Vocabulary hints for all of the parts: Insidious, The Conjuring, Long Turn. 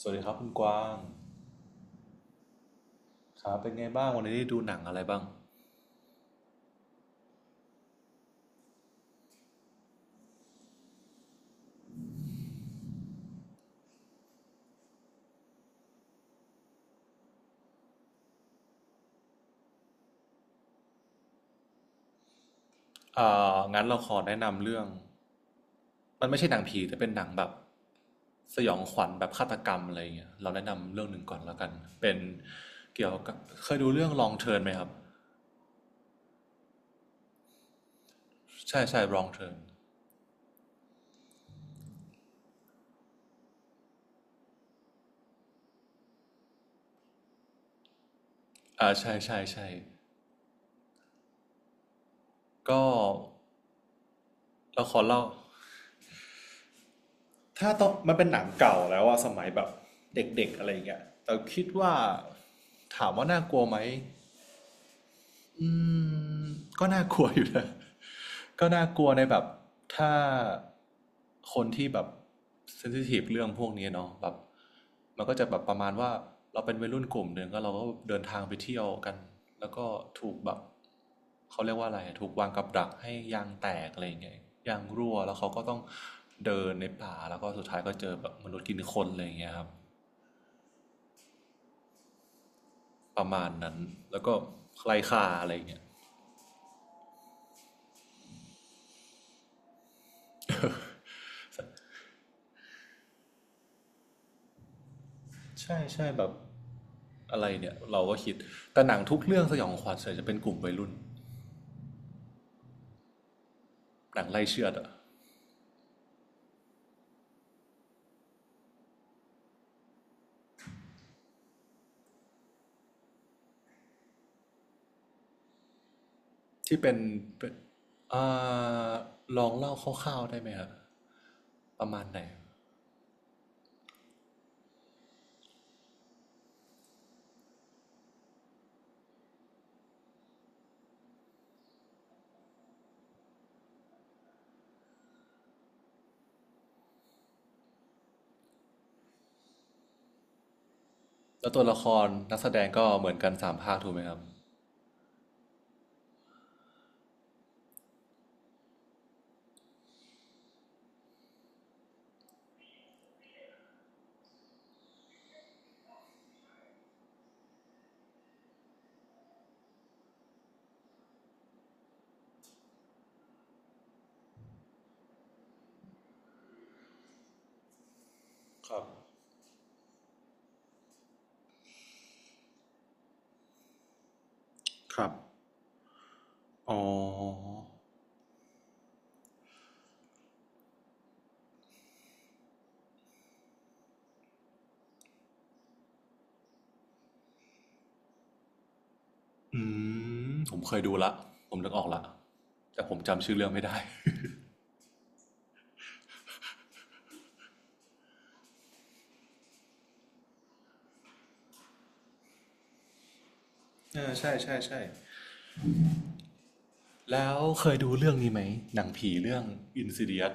สวัสดีครับคุณกวางครับเป็นไงบ้างวันนี้ได้ดูหนังอะไรบ้างเอ่างั้นเราขอแนะนำเรื่องมันไม่ใช่หนังผีแต่เป็นหนังแบบสยองขวัญแบบฆาตกรรมอะไรอย่างเงี้ยเราแนะนำเรื่องหนึ่งก่อนแล้วกันเป็นเกี่ยวกับเคยดูเรื่อง Long Turn ไหมครับใช่ใช่ Long Turn ใช่ใช่ใช่ก็เราขอเล่าถ้าต้องมันเป็นหนังเก่าแล้วอะสมัยแบบเด็กๆอะไรอย่างเงี้ยแต่คิดว่าถามว่าน่ากลัวไหม อืมก็น่ากลัวอยู่นะ ก็น่ากลัวในแบบถ้าคนที่แบบเซนซิทีฟเรื่องพวกนี้เนาะแบบมันก็จะแบบประมาณว่าเราเป็นวัยรุ่นกลุ่มหนึ่งก็เราก็เดินทางไปเที่ยวกันแล้วก็ถูกแบบเขาเรียกว่าอะไรอะถูกวางกับดักให้ยางแตกอะไรอย่างเงี้ยยางรั่วแล้วเขาก็ต้องเดินในป่าแล้วก็สุดท้ายก็เจอแบบมนุษย์กินคนอะไรอย่างเงี้ยครับประมาณนั้นแล้วก็ไร้ค่าอะไรอย่างเงี้ยใช่ใช่แบบ อะไรเนี่ยเราก็คิดแต่หนังทุกเรื่องสยองขวัญส่วนใหญ่จะเป็นกลุ่มวัยรุ่นหนังไล่เชือดอะที่เป็นเอ่าลองเล่าคร่าวๆได้ไหมครับประมาณไหนแล้วตัวละครนักแสดงก็เหมือนกันสามภาคถูกไหมครับครับครับอ๋ออืผมเคยดูละผมนึกออกละแต่ผมจำชื่อเรื่องไม่ได้เออใช่ใช่ใช่แล้วเคยดูเรื่องนี้ไหมหนังผีเรื่อง Insidious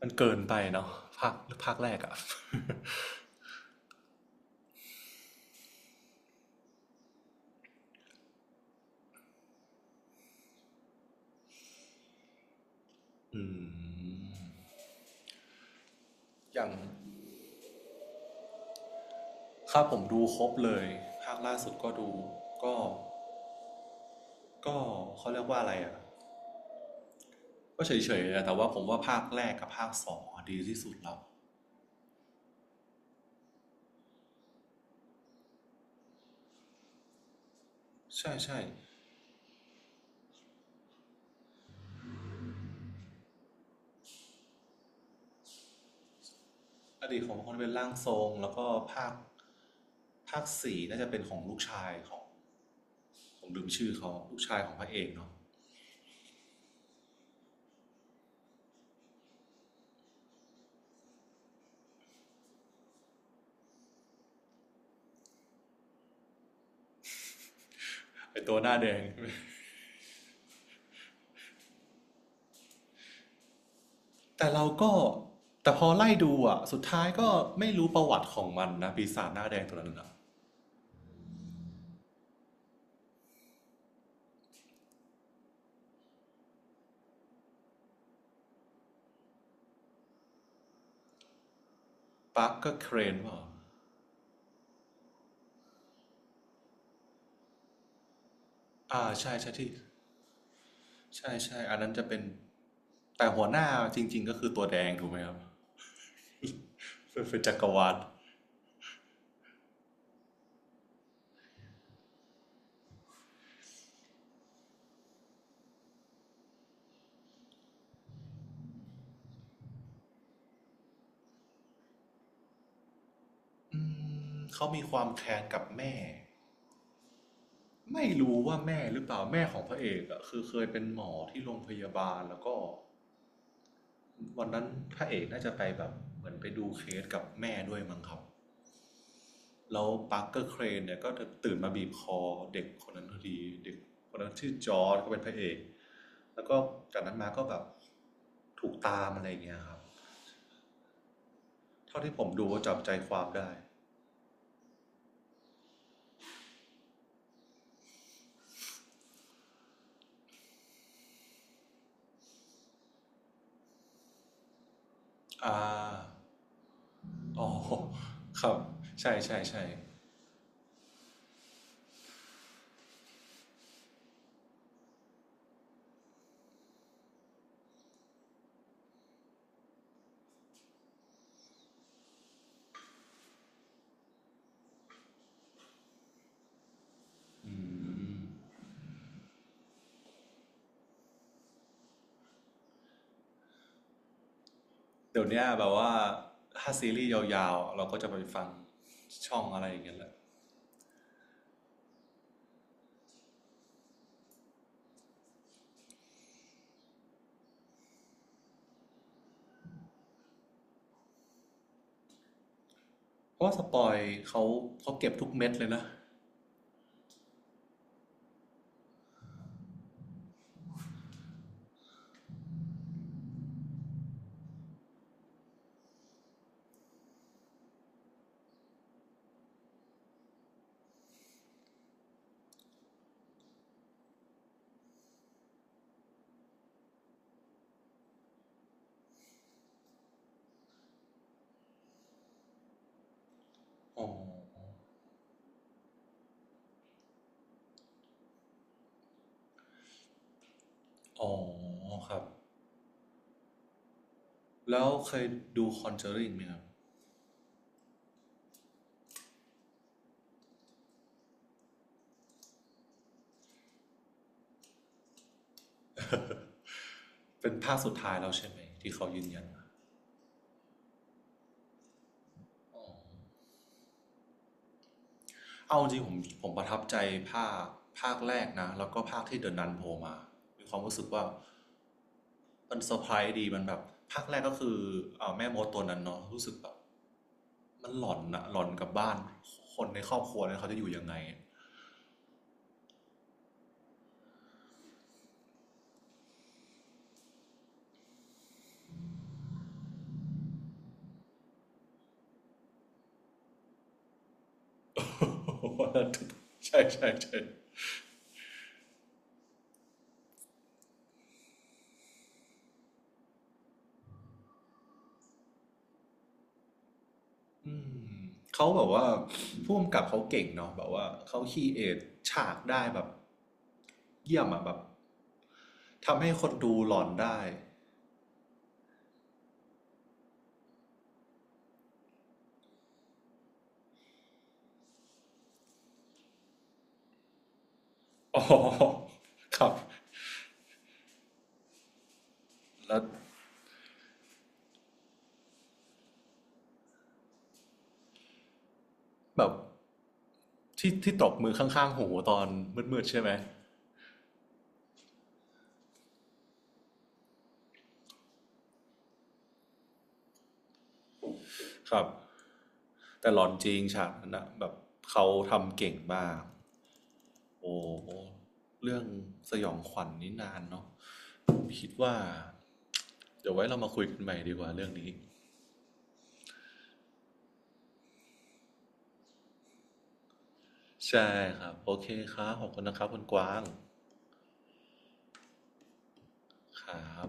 มันเกินไปเนาะภาคภาคแรกอะ อืมอย่างถ้าผมดูครบเลยภาคล่าสุดก็ดูก็ก็เขาเรียกว่าอะไรอ่ะก็เฉยๆนะแต่ว่าผมว่าภาคแรกกับภาคสองอะดีที่สุดแล้วใช่ใช่อดีตของคนเป็นร่างทรงแล้วก็ภาคภาคสี่น่าจะเป็นของลูกชายของผมลืมชื่อเขาลูกชายของพระเอกเนาะเป็นตัวหน้าแดง แต่เราก็แต่พอไล่ดูอ่ะสุดท้ายก็ไม่รู้ประวัติของมันนะปีศาจหน้าแดงตัวนั้นนะปักก็เครนว่า ใช่ใช่ที่ใช่ใช่อันนั้นจะเป็นแต่หัวหน้าจริงๆก็คือตัวแดงถูกไหมครับเป็นจักรวาลอืมเขามีความแค้นกับแม่ไม่รู้ว่าแม่หรือเปล่าแม่ของพระเอกอะคือเคยเป็นหมอที่โรงพยาบาลแล้วก็วันนั้นพระเอกน่าจะไปแบบเหมือนไปดูเคสกับแม่ด้วยมั้งครับแล้วปาร์คเกอร์เครนเนี่ยก็ตื่นมาบีบคอเด็กคนนั้นพอดีเด็กคนนั้นชื่อจอร์ดก็เป็นพระเอกแล้วก็จากนั้นมาก็แบบถูกตามอะไรอย่างเงี้ยครับ เท่าที่ผมดูก็จับใจความได้อ่าอ๋อ ครับ ใช่ใช่ใช่เดี๋ยวนี้แบบว่าถ้าซีรีส์ยาวๆเราก็จะไปฟังช่องอะไรอย่างเงี้ยแหละ เพราะว่าสปอยเขาเขาเก็บทุกเม็ดเลยนะอ๋ออ๋อ ครับ แล้วเคยดูคอนเจอริงไหมครับ เป็นภาคสุดท้ายแล้วใช่ไหมที่เขายืนยัน เอาจริงผมประทับใจภาคภาคแรกนะแล้วก็ภาคที่เดินนันโผล่มามีความรู้สึกว่า มันเซอร์ไพรส์ดีมันแบบภาคแรกก็คือแม่มดตัวนั้นเนาะรู้สึกแบบมันหลอนอะหลอนกับบ้านคนในครอบครัวนั้นเขาจะอยู่ยังไง ใช่ใช่ใช่อืมเขาแบบว่าผู้กำกับเขาเก่งเนาะแบบว่าเขาคีเอทฉากได้แบบเยี่ยมอะแบบทำให้คนดูหลอนได้อ๋อ ครับแล้วแบบที่ที่ตบมือข้างๆหูตอนมืดๆใช่ไหม ครับแต่หลอนจริงฉากนั้นน่ะแบบเขาทำเก่งมากโอ้โหเรื่องสยองขวัญนนี่นานเนาะผมคิดว่า เดี๋ยวไว้เรามาคุยกันใหม่ดีกว่าเรื่องนี้ใช่ครับโอเคครับขอบคุณนะครับคุณกวางครับ